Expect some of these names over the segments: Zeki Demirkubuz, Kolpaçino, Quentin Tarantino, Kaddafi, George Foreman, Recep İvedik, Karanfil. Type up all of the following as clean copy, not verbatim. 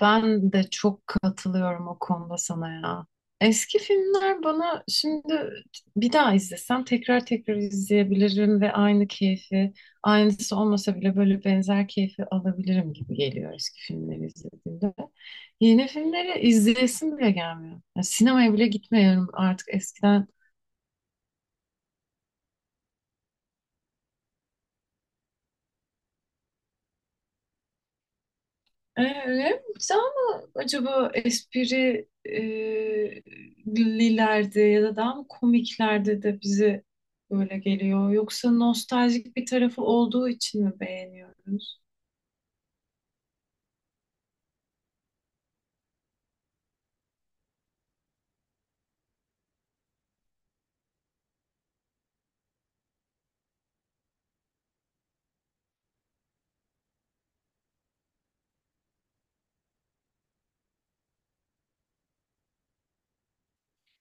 Ben de çok katılıyorum o konuda sana ya. Eski filmler bana şimdi bir daha izlesem tekrar tekrar izleyebilirim ve aynı keyfi, aynısı olmasa bile böyle benzer keyfi alabilirim gibi geliyor eski filmleri izlediğimde. Yeni filmleri izleyesim bile gelmiyor. Yani sinemaya bile gitmiyorum artık. Eskiden. Evet, güzel mi acaba espri lilerde ya da daha mı komiklerde de bize böyle geliyor? Yoksa nostaljik bir tarafı olduğu için mi beğeniyoruz?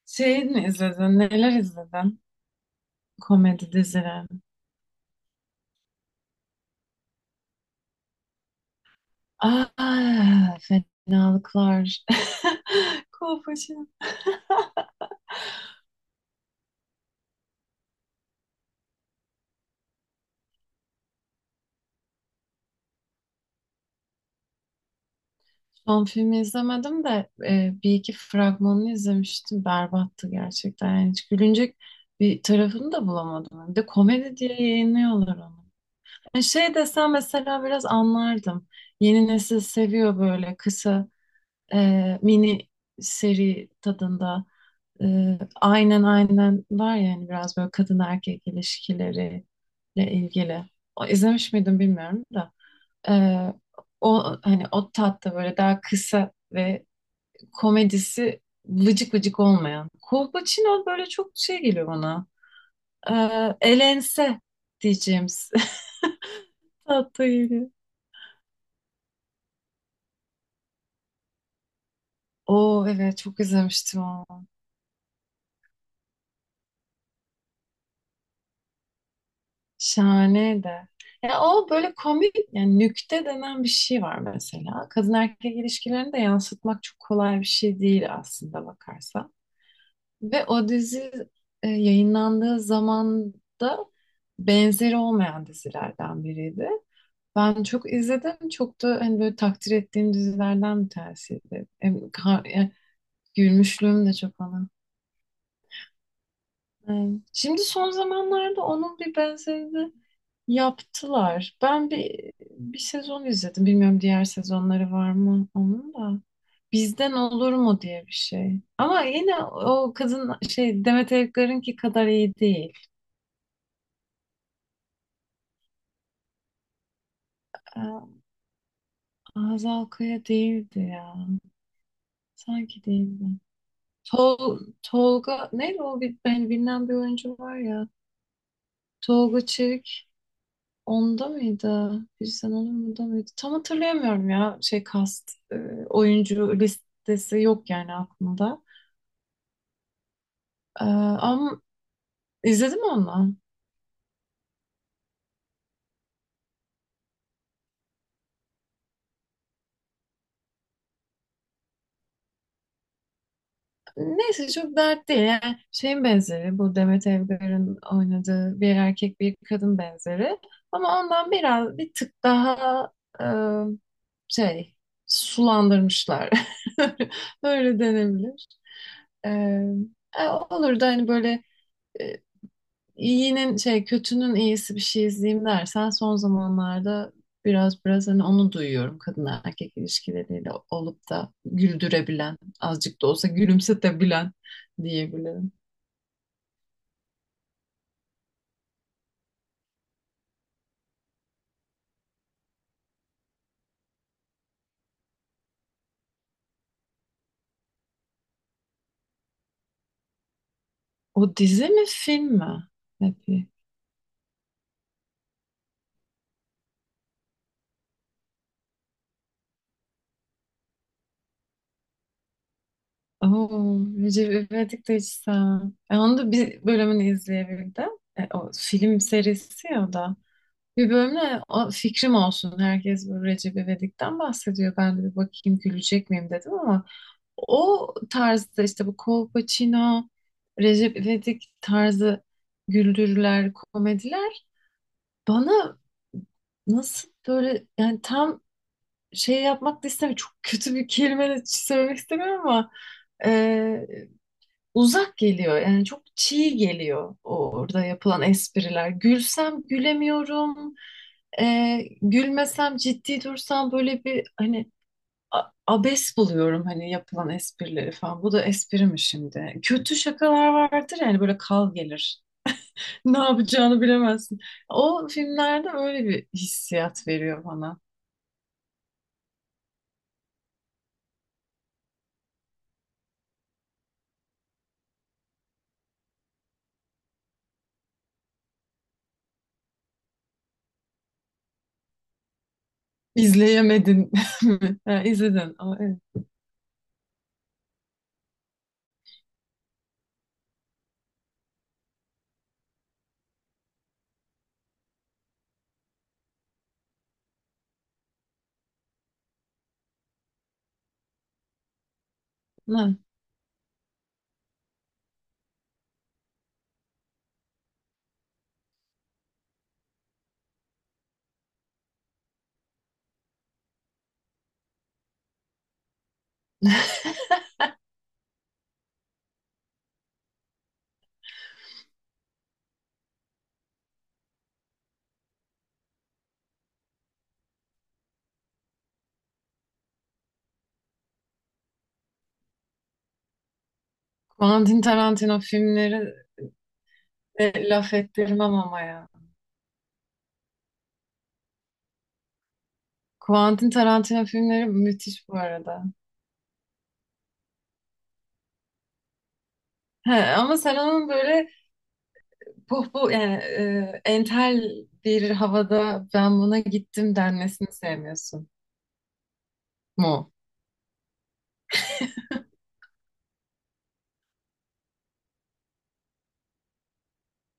Şey mi izledin? Neler izledin? Komedi dizileri. Aa, fenalıklar. Kolpaçino. Son filmi izlemedim de bir iki fragmanını izlemiştim. Berbattı gerçekten. Yani hiç gülünecek bir tarafını da bulamadım. Bir de komedi diye yayınlıyorlar onu. Yani şey desem mesela biraz anlardım. Yeni nesil seviyor böyle kısa mini seri tadında. E, aynen aynen var yani biraz böyle kadın erkek ilişkileriyle ilgili. O, izlemiş miydim bilmiyorum da. E, o hani o tatta böyle daha kısa ve komedisi vıcık vıcık olmayan. Kolpaçino böyle çok şey geliyor bana. Elense diyeceğimiz. Tatlı yeri. Oo, evet, çok izlemiştim onu. Şahane de. Ya o böyle komik yani nükte denen bir şey var mesela. Kadın erkek ilişkilerini de yansıtmak çok kolay bir şey değil aslında bakarsan. Ve o dizi yayınlandığı zaman da benzeri olmayan dizilerden biriydi. Ben çok izledim. Çok da hani böyle takdir ettiğim dizilerden bir tanesiydi. Hem yani. Gülmüşlüğüm de çok ona. Evet. Şimdi son zamanlarda onun bir benzerini yaptılar. Ben bir sezon izledim. Bilmiyorum, diğer sezonları var mı onun da. Bizden olur mu diye bir şey. Ama yine o kadın şey, Demet Evgar'ınki kadar iyi değil. Ee, Hazal Kaya değildi ya. Sanki değildi. Tolga neydi o bir, ben bilinen bir oyuncu var ya. Tolga Çevik onda mıydı? Bir sen olur mu da mıydı? Tam hatırlayamıyorum ya şey, kast oyuncu listesi yok yani aklımda. E, ama izledim onu. Neyse, çok dert değil. Yani şeyin benzeri, bu Demet Evgar'ın oynadığı bir erkek bir kadın benzeri. Ama ondan biraz bir tık daha e, şey, sulandırmışlar. Öyle denebilir. E, olur da hani böyle, İyinin şey kötünün iyisi bir şey izleyeyim dersen son zamanlarda, biraz biraz hani onu duyuyorum, kadın erkek ilişkileriyle olup da güldürebilen, azıcık da olsa gülümsetebilen diyebilirim. O dizi mi film mi? Happy. Oo, Recep İvedik de hiç sevmem. E, onu da bir bölümünü izleyebildim. E, o film serisi ya o da. Bir bölümde o fikrim olsun. Herkes bu Recep İvedik'ten bahsediyor. Ben de bir bakayım gülecek miyim dedim ama. O tarzda işte, bu Kolpaçino, Recep İvedik tarzı güldürüler, komediler bana nasıl böyle, yani tam şey yapmak da istemiyorum. Çok kötü bir kelime de söylemek istemiyorum ama e, uzak geliyor. Yani çok çiğ geliyor orada yapılan espriler. Gülsem gülemiyorum. E, gülmesem ciddi dursam böyle, bir hani abes buluyorum hani yapılan esprileri falan. Bu da espri mi şimdi? Kötü şakalar vardır yani, böyle kal gelir. Ne yapacağını bilemezsin. O filmlerde öyle bir hissiyat veriyor bana. İzleyemedin mi? Ha, izledin. Ama evet. Ha. Quentin Tarantino filmleri de laf ettirmem ama ya. Quentin Tarantino filmleri müthiş bu arada. He, ama sen onun böyle, puh bu yani entel bir havada ben buna gittim denmesini sevmiyorsun mu?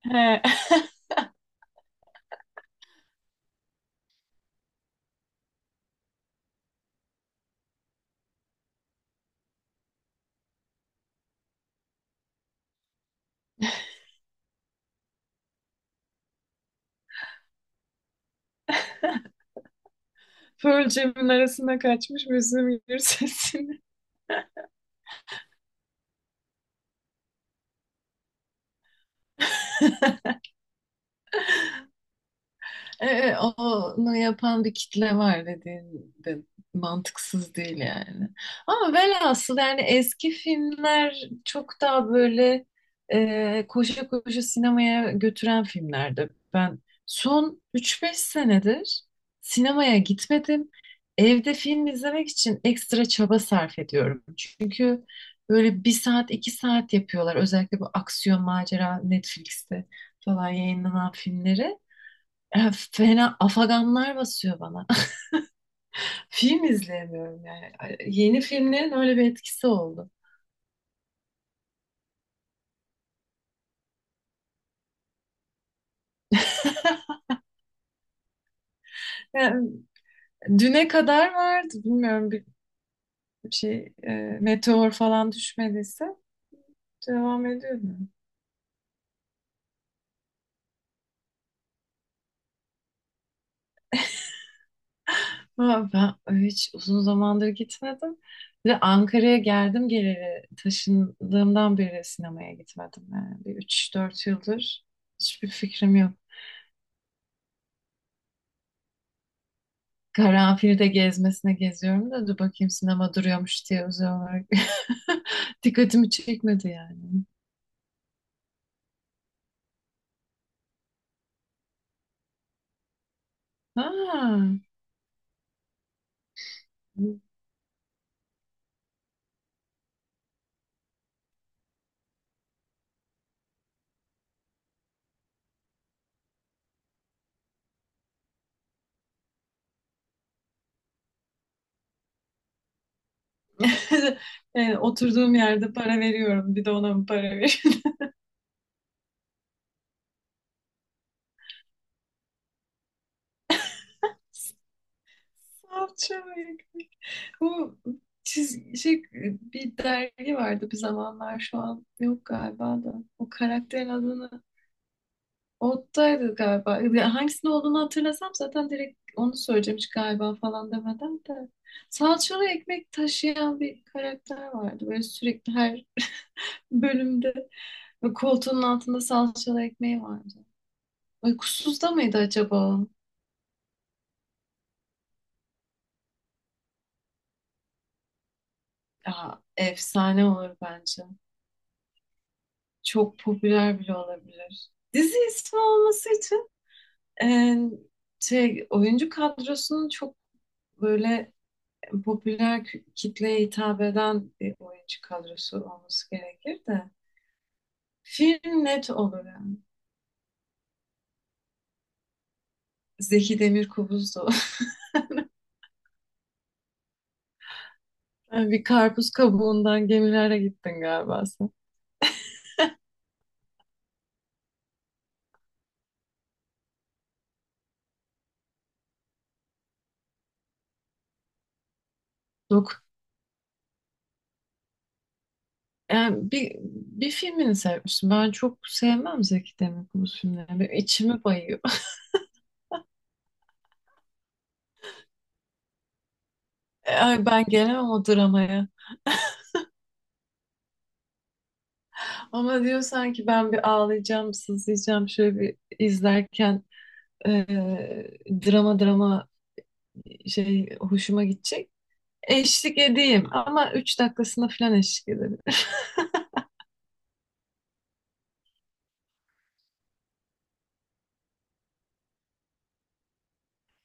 He, Pearl Jam'in arasına kaçmış Müslüm Gürses'in. Evet, evet, onu yapan bir kitle var dediğin de mantıksız değil yani. Ama velhasıl yani, eski filmler çok daha böyle koşa koşa sinemaya götüren filmlerdi. Ben son üç beş senedir sinemaya gitmedim. Evde film izlemek için ekstra çaba sarf ediyorum. Çünkü böyle bir saat iki saat yapıyorlar. Özellikle bu aksiyon macera Netflix'te falan yayınlanan filmleri. E, fena afaganlar basıyor bana. Film izleyemiyorum yani. Yeni filmlerin öyle bir etkisi oldu. Yani düne kadar vardı. Bilmiyorum, bir şey meteor falan düşmediyse devam ediyor mu? Ama ben hiç uzun zamandır gitmedim. Bir de Ankara'ya geldim geleli, taşındığımdan beri sinemaya gitmedim. Yani bir 3-4 yıldır hiçbir fikrim yok. Karanfilde gezmesine geziyorum da dur bakayım sinema duruyormuş diye özel olarak. Dikkatimi çekmedi yani. Ha. E, oturduğum yerde para veriyorum. Bir de ona mı para veriyorum? Salça ve ekmek. Bu şey, bir dergi vardı bir zamanlar, şu an yok galiba da. O karakterin adını Ottaydı galiba. Ya hangisinde olduğunu hatırlasam zaten direkt onu söyleyeceğim, hiç galiba falan demeden de. Salçalı ekmek taşıyan bir karakter vardı. Böyle sürekli her bölümde ve koltuğunun altında salçalı ekmeği vardı. Uykusuzda mıydı acaba o? Aa, efsane olur bence. Çok popüler bile olabilir. Dizi ismi olması için e, şey, oyuncu kadrosunun çok böyle popüler kitleye hitap eden bir oyuncu kadrosu olması gerekir de. Film net olur yani. Zeki Demirkubuz da olur. Yani bir karpuz kabuğundan gemilere gittin galiba sen. Yok. Yani bir filmini sevmiştim. Ben çok sevmem Zeki Demirkubuz filmlerini. Benim içimi bayıyor. Ay, ben gelemem o dramaya. Ama diyor sanki ben bir ağlayacağım, sızlayacağım şöyle bir izlerken eee, drama drama şey, hoşuma gidecek. Eşlik edeyim ama 3 dakikasına falan eşlik ederim.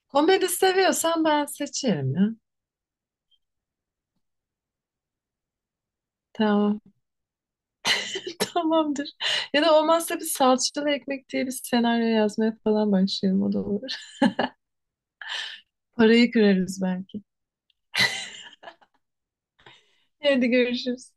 Komedi seviyorsan ben seçerim ya. Tamam. Tamamdır. Ya da olmazsa bir salçalı ekmek diye bir senaryo yazmaya falan başlayalım, o da olur. Parayı kırarız belki. Hadi görüşürüz.